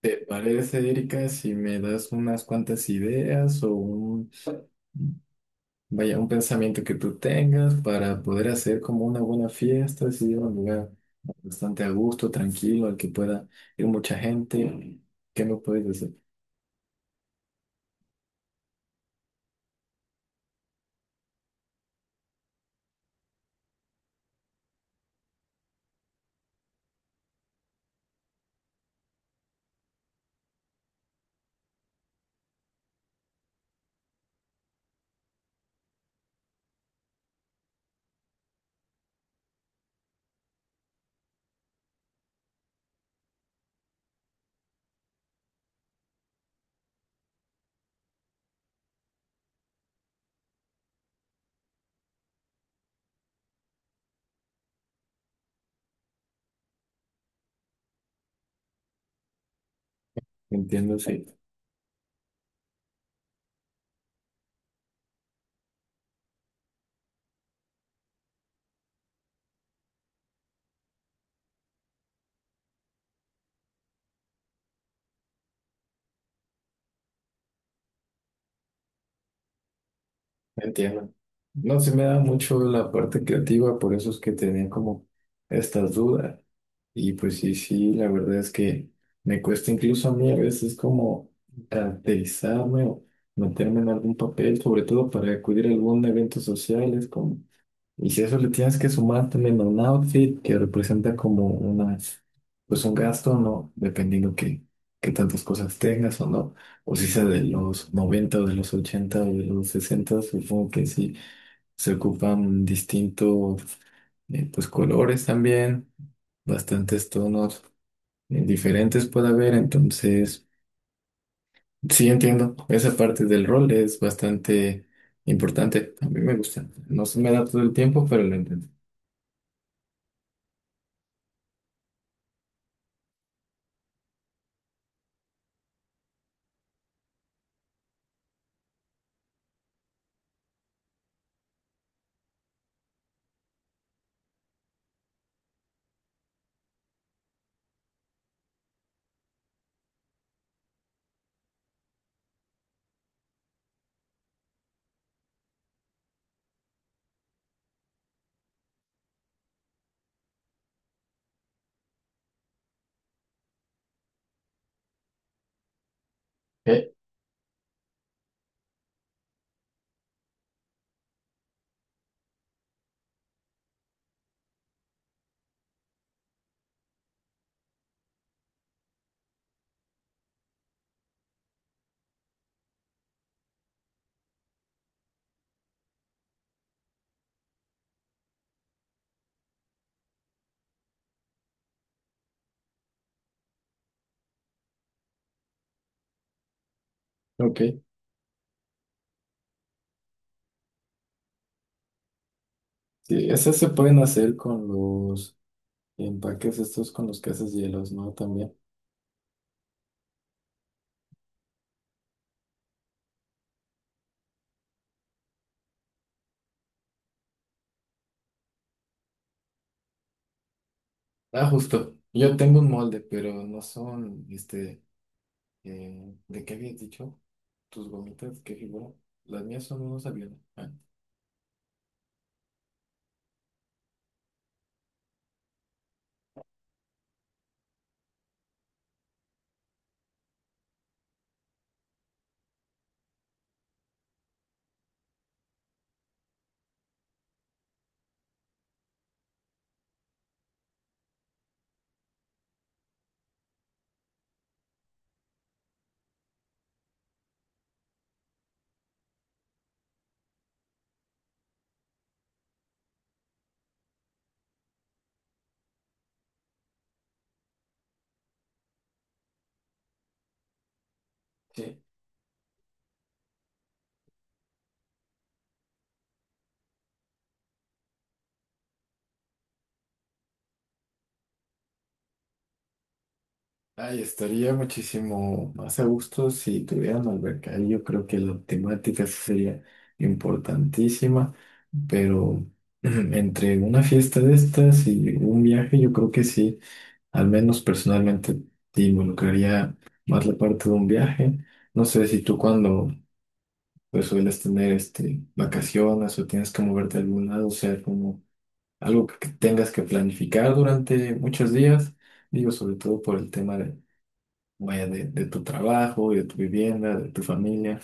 ¿Te parece, Erika, si me das unas cuantas ideas o un pensamiento que tú tengas para poder hacer como una buena fiesta, si un lugar bastante a gusto, tranquilo, al que pueda ir mucha gente? ¿Qué me puedes decir? Entiendo, sí. Entiendo. No se me da mucho la parte creativa, por eso es que tenía como estas dudas. Y pues sí, la verdad es que me cuesta incluso a mí a veces como caracterizarme o meterme en algún papel, sobre todo para acudir a algún evento social, es como y si a eso le tienes que sumar también a un outfit que representa como una, pues un gasto, ¿no? Dependiendo que tantas cosas tengas o no. O si sea de los 90 o de los 80 o de los 60, supongo que sí. Se ocupan distintos, pues colores también, bastantes tonos diferentes puede haber. Entonces, sí entiendo, esa parte del rol es bastante importante. A mí me gusta. No se me da todo el tiempo, pero lo entiendo. Ok, ok. Sí, esas se pueden hacer con los empaques estos con los que haces hielos, ¿no? También. Ah, justo. Yo tengo un molde, pero no son, este, ¿de qué habías dicho? ¿Tus gomitas? ¿Qué figura? Las mías son unos aviones. Ah, sí. Ay, estaría muchísimo más a gusto si tuvieran alberca. Ahí yo creo que la temática sí sería importantísima, pero entre una fiesta de estas y un viaje, yo creo que sí. Al menos personalmente te involucraría más la parte de un viaje. No sé si tú cuando pues, sueles tener este, vacaciones o tienes que moverte a algún lado, o sea, como algo que tengas que planificar durante muchos días, digo, sobre todo por el tema de, vaya, de tu trabajo, y de tu vivienda, de tu familia.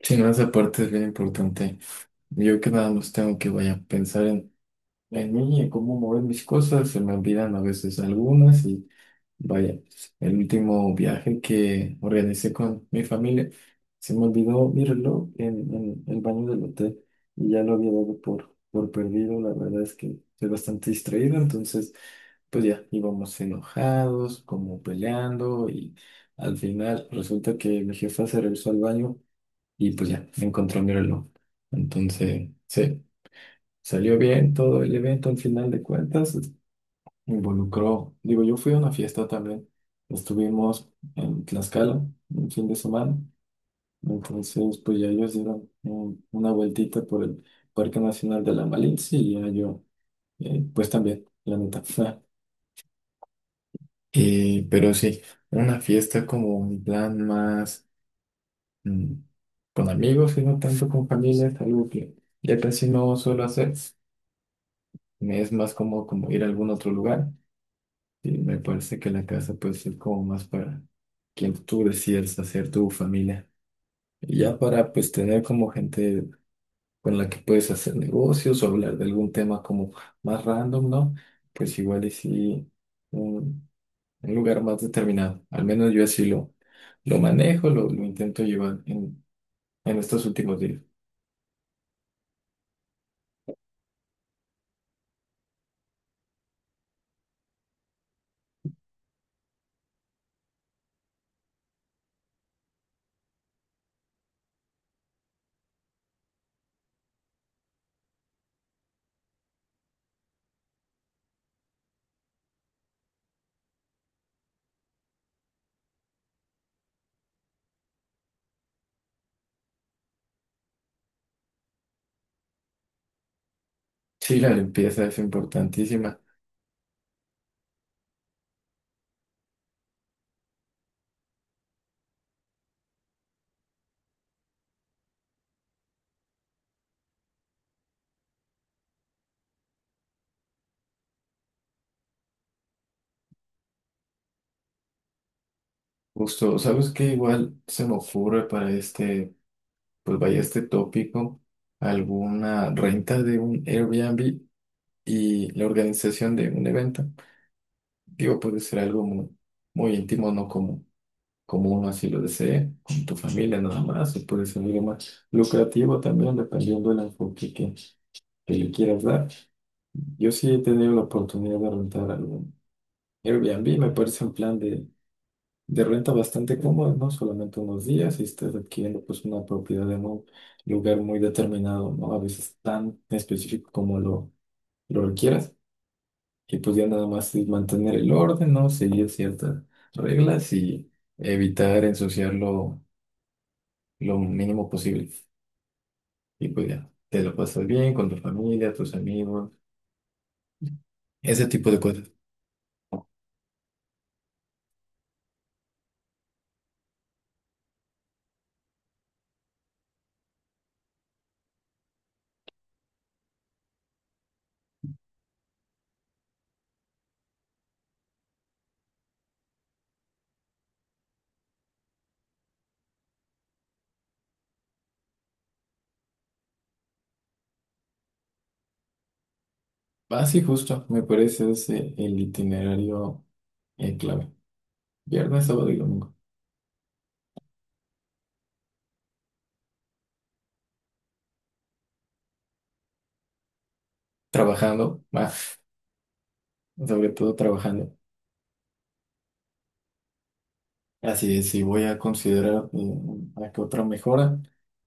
Sí, no, esa parte es bien importante. Yo que nada más tengo que, vaya, pensar en mí, en cómo mover mis cosas, se me olvidan a veces algunas. Vaya, pues, el último viaje que organicé con mi familia, se me olvidó mi reloj en el baño del hotel y ya lo había dado por perdido. La verdad es que estoy bastante distraído, entonces pues ya íbamos enojados, como peleando y al final resulta que mi jefa se regresó al baño y pues ya encontró mi reloj. Entonces, sí, salió bien todo el evento al final de cuentas, me involucró. Digo, yo fui a una fiesta también. Estuvimos en Tlaxcala un fin de semana. Entonces, pues ya ellos dieron un- una vueltita por el Parque Nacional de la Malinche y ya yo, pues también, la neta. Pero sí, una fiesta como un plan más mm, con amigos y no tanto con familia, es algo que ya casi no suelo hacer. Me es más como, como ir a algún otro lugar. Sí, me parece que la casa puede ser como más para quien tú decidas hacer tu familia. Y ya para pues tener como gente con la que puedes hacer negocios o hablar de algún tema como más random, ¿no? Pues igual y sí un, un lugar más determinado. Al menos yo así lo manejo, lo intento llevar en estos últimos días. Sí, la limpieza es importantísima. Justo, ¿sabes qué? Igual se me ocurre para este pues vaya este tópico, alguna renta de un Airbnb y la organización de un evento. Digo, puede ser algo muy íntimo, no como, como uno así lo desee, con tu familia nada más, o puede ser algo más lucrativo también, dependiendo del enfoque que le quieras dar. Yo sí he tenido la oportunidad de rentar algún Airbnb, me parece un plan de renta bastante cómoda, ¿no? Solamente unos días y estás adquiriendo pues una propiedad en un lugar muy determinado, ¿no? A veces tan específico como lo requieras. Y pues ya nada más es mantener el orden, ¿no? Seguir ciertas reglas y evitar ensuciarlo lo mínimo posible. Y pues ya, te lo pasas bien con tu familia, tus amigos, ese tipo de cosas. Así justo, me parece ese el itinerario clave. Viernes, sábado y domingo. Trabajando. Más. Sobre todo trabajando. Así es, sí voy a considerar a que otra mejora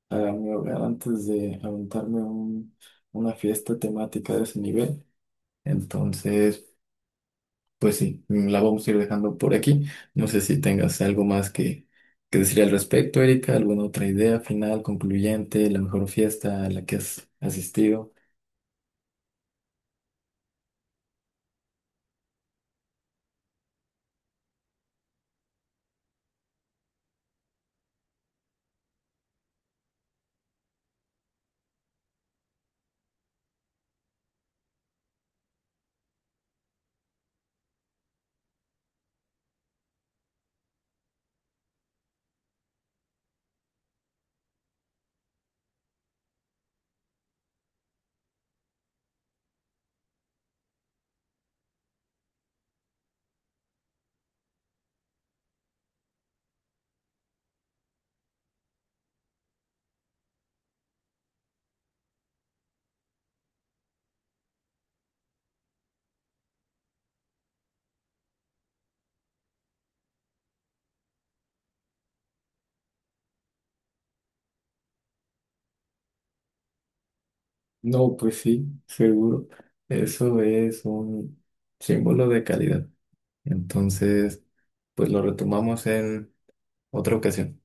a mi hogar antes de aventarme una fiesta temática de ese nivel. Entonces, pues sí, la vamos a ir dejando por aquí. No sé si tengas algo más que decir al respecto, Erika, alguna otra idea final, concluyente, la mejor fiesta a la que has asistido. No, pues sí, seguro. Eso es un símbolo de calidad. Entonces... pues lo retomamos en otra ocasión.